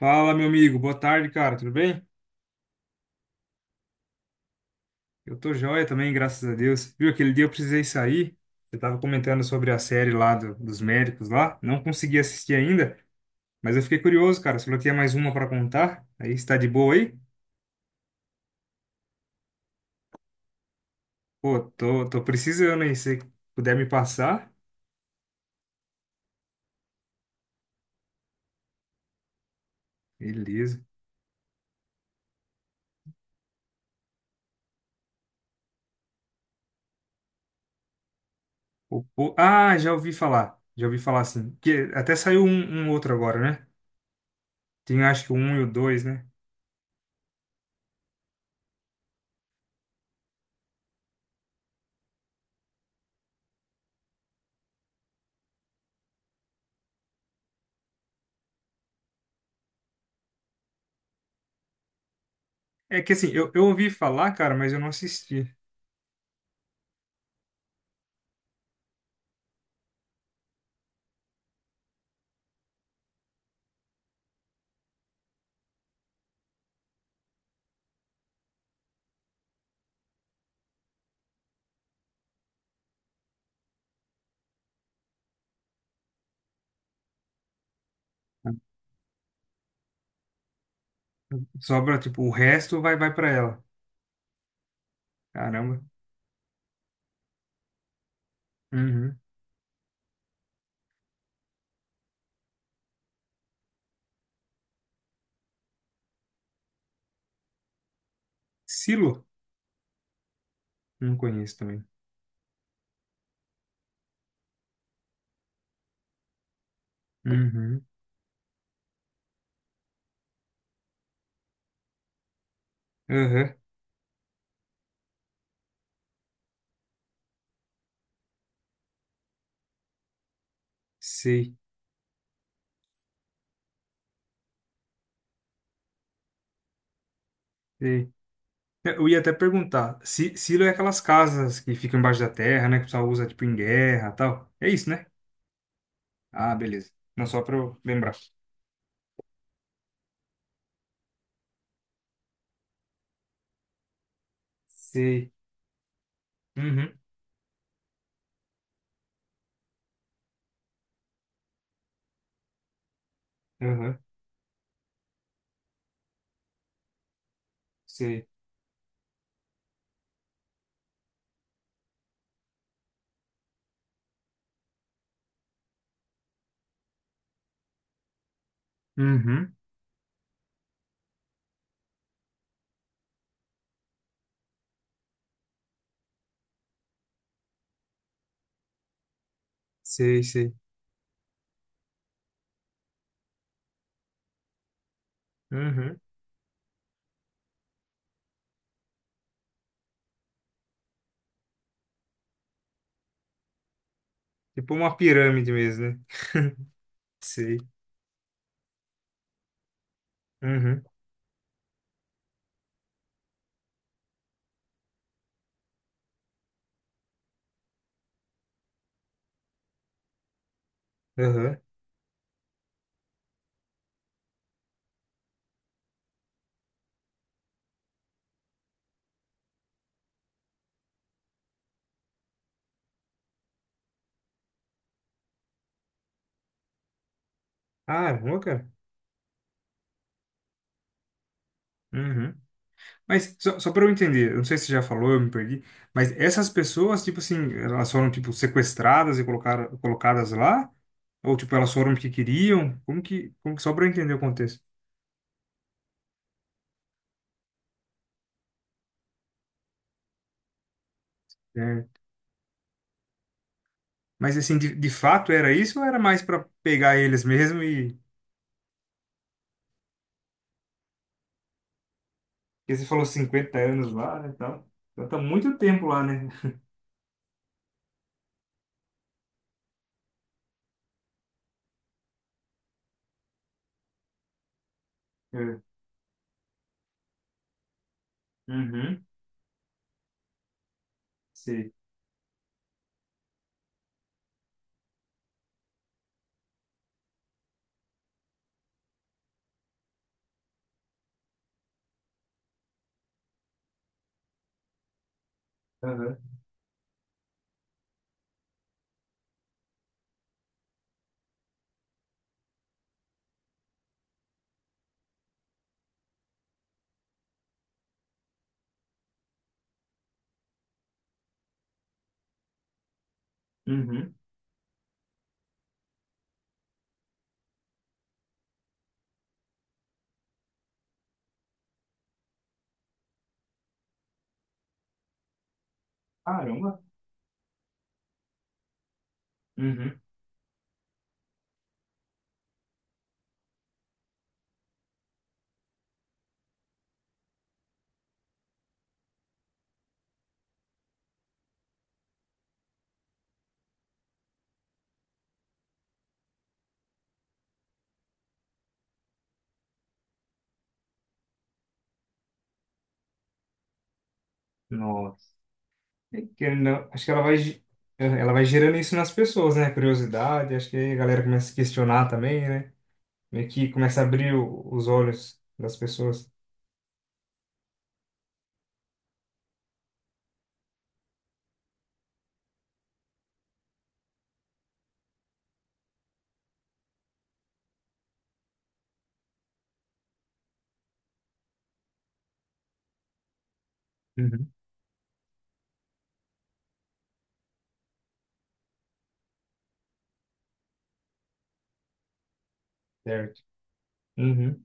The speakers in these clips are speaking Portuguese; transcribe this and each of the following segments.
Fala, meu amigo. Boa tarde, cara. Tudo bem? Eu tô joia também, graças a Deus. Viu, aquele dia eu precisei sair. Você tava comentando sobre a série lá dos médicos lá. Não consegui assistir ainda, mas eu fiquei curioso, cara. Você falou que tinha mais uma pra contar. Aí, está de boa aí? Pô, tô precisando aí. Se puder me passar, beleza. Ah, já ouvi falar. Já ouvi falar assim. Que até saiu um outro agora, né? Tem acho que o um e o dois, né? É que assim, eu ouvi falar, cara, mas eu não assisti. Sobra, tipo, o resto vai para ela. Caramba. Uhum. Silo? Não conheço também. Uhum. Aham. Sei, sei. É, eu ia até perguntar. Silo é aquelas casas que ficam embaixo da terra, né? Que o pessoal usa, tipo, em guerra e tal. É isso, né? Ah, beleza. Não, só pra eu lembrar. Sei. Uhum. Aham. Sei. Uhum. Sei, sei. Uhum. Tipo uma pirâmide mesmo, né? Sei. Uhum. Aham. Caramba, cara. Uhum. Mas só para eu entender, eu não sei se você já falou, eu me perdi, mas essas pessoas, tipo assim, elas foram tipo sequestradas e colocadas lá? Ou tipo, elas foram porque queriam? Como que só para eu entender o contexto? É. Mas assim, de fato era isso ou era mais para pegar eles mesmo e porque você falou 50 anos lá, né, então, então tá muito tempo lá, né? É. Uhum. Sei. Aham. Uhum. Caramba. Uhum. Nossa. Que não, acho que ela vai, ela vai gerando isso nas pessoas, né? Curiosidade, acho que aí a galera começa a se questionar também, né? Meio que começa a abrir os olhos das pessoas. Uhum. Certo. Uhum.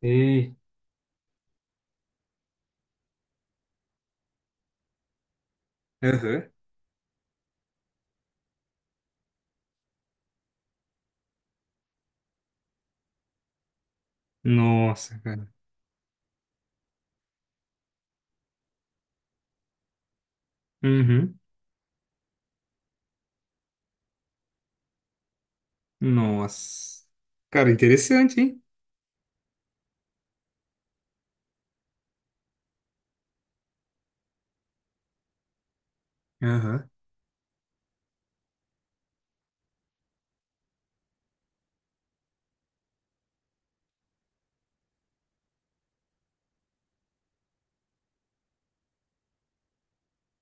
Ei. Aham. Nossa, cara. Uhum. Nossa. Cara, interessante, hein? Aham.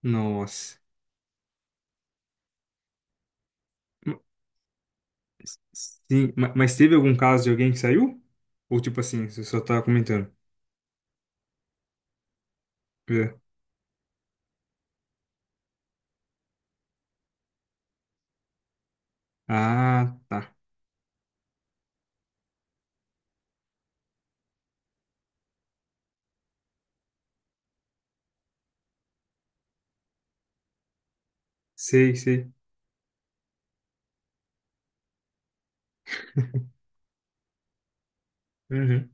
Nossa. Ma- Sim, mas teve algum caso de alguém que saiu? Ou tipo assim, você só tá comentando? É. Ah, tá. Sei, sei. Uhum.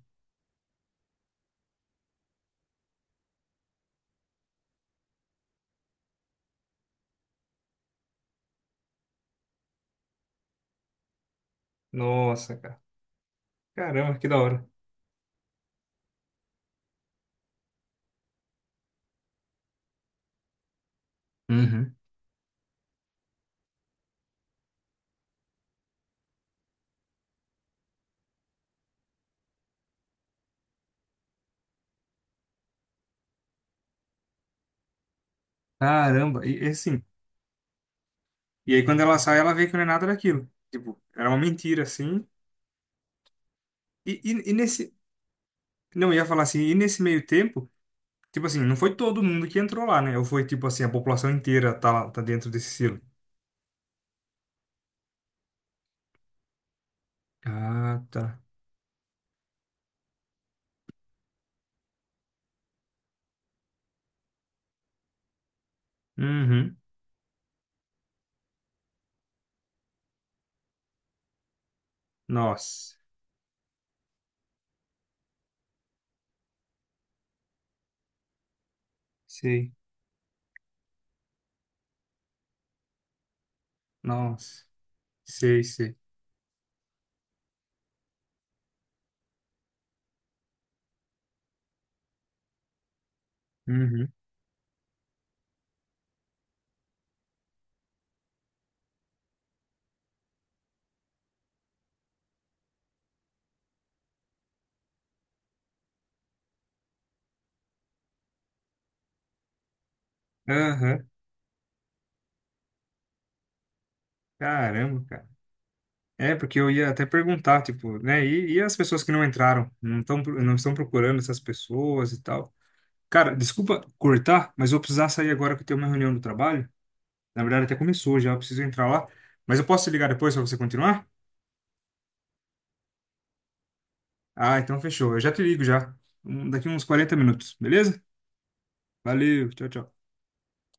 Nossa, cara. Caramba, que da hora. Uhum. Caramba, e assim. E aí quando ela sai, ela vê que não é nada daquilo. Tipo, era uma mentira, assim. E nesse. Não, eu ia falar assim, e nesse meio tempo, tipo assim, não foi todo mundo que entrou lá, né? Ou foi tipo assim, a população inteira tá, tá dentro desse selo. Ah, tá. Uhum. Nossa. Sei. Nossa. Sei, sei. Uhum. Aham. Caramba, cara. É, porque eu ia até perguntar, tipo, né? E as pessoas que não entraram? Não estão procurando essas pessoas e tal. Cara, desculpa cortar, mas eu vou precisar sair agora que eu tenho uma reunião do trabalho. Na verdade, até começou já, eu preciso entrar lá. Mas eu posso te ligar depois pra você continuar? Ah, então fechou. Eu já te ligo já. Daqui uns 40 minutos, beleza? Valeu, tchau, tchau.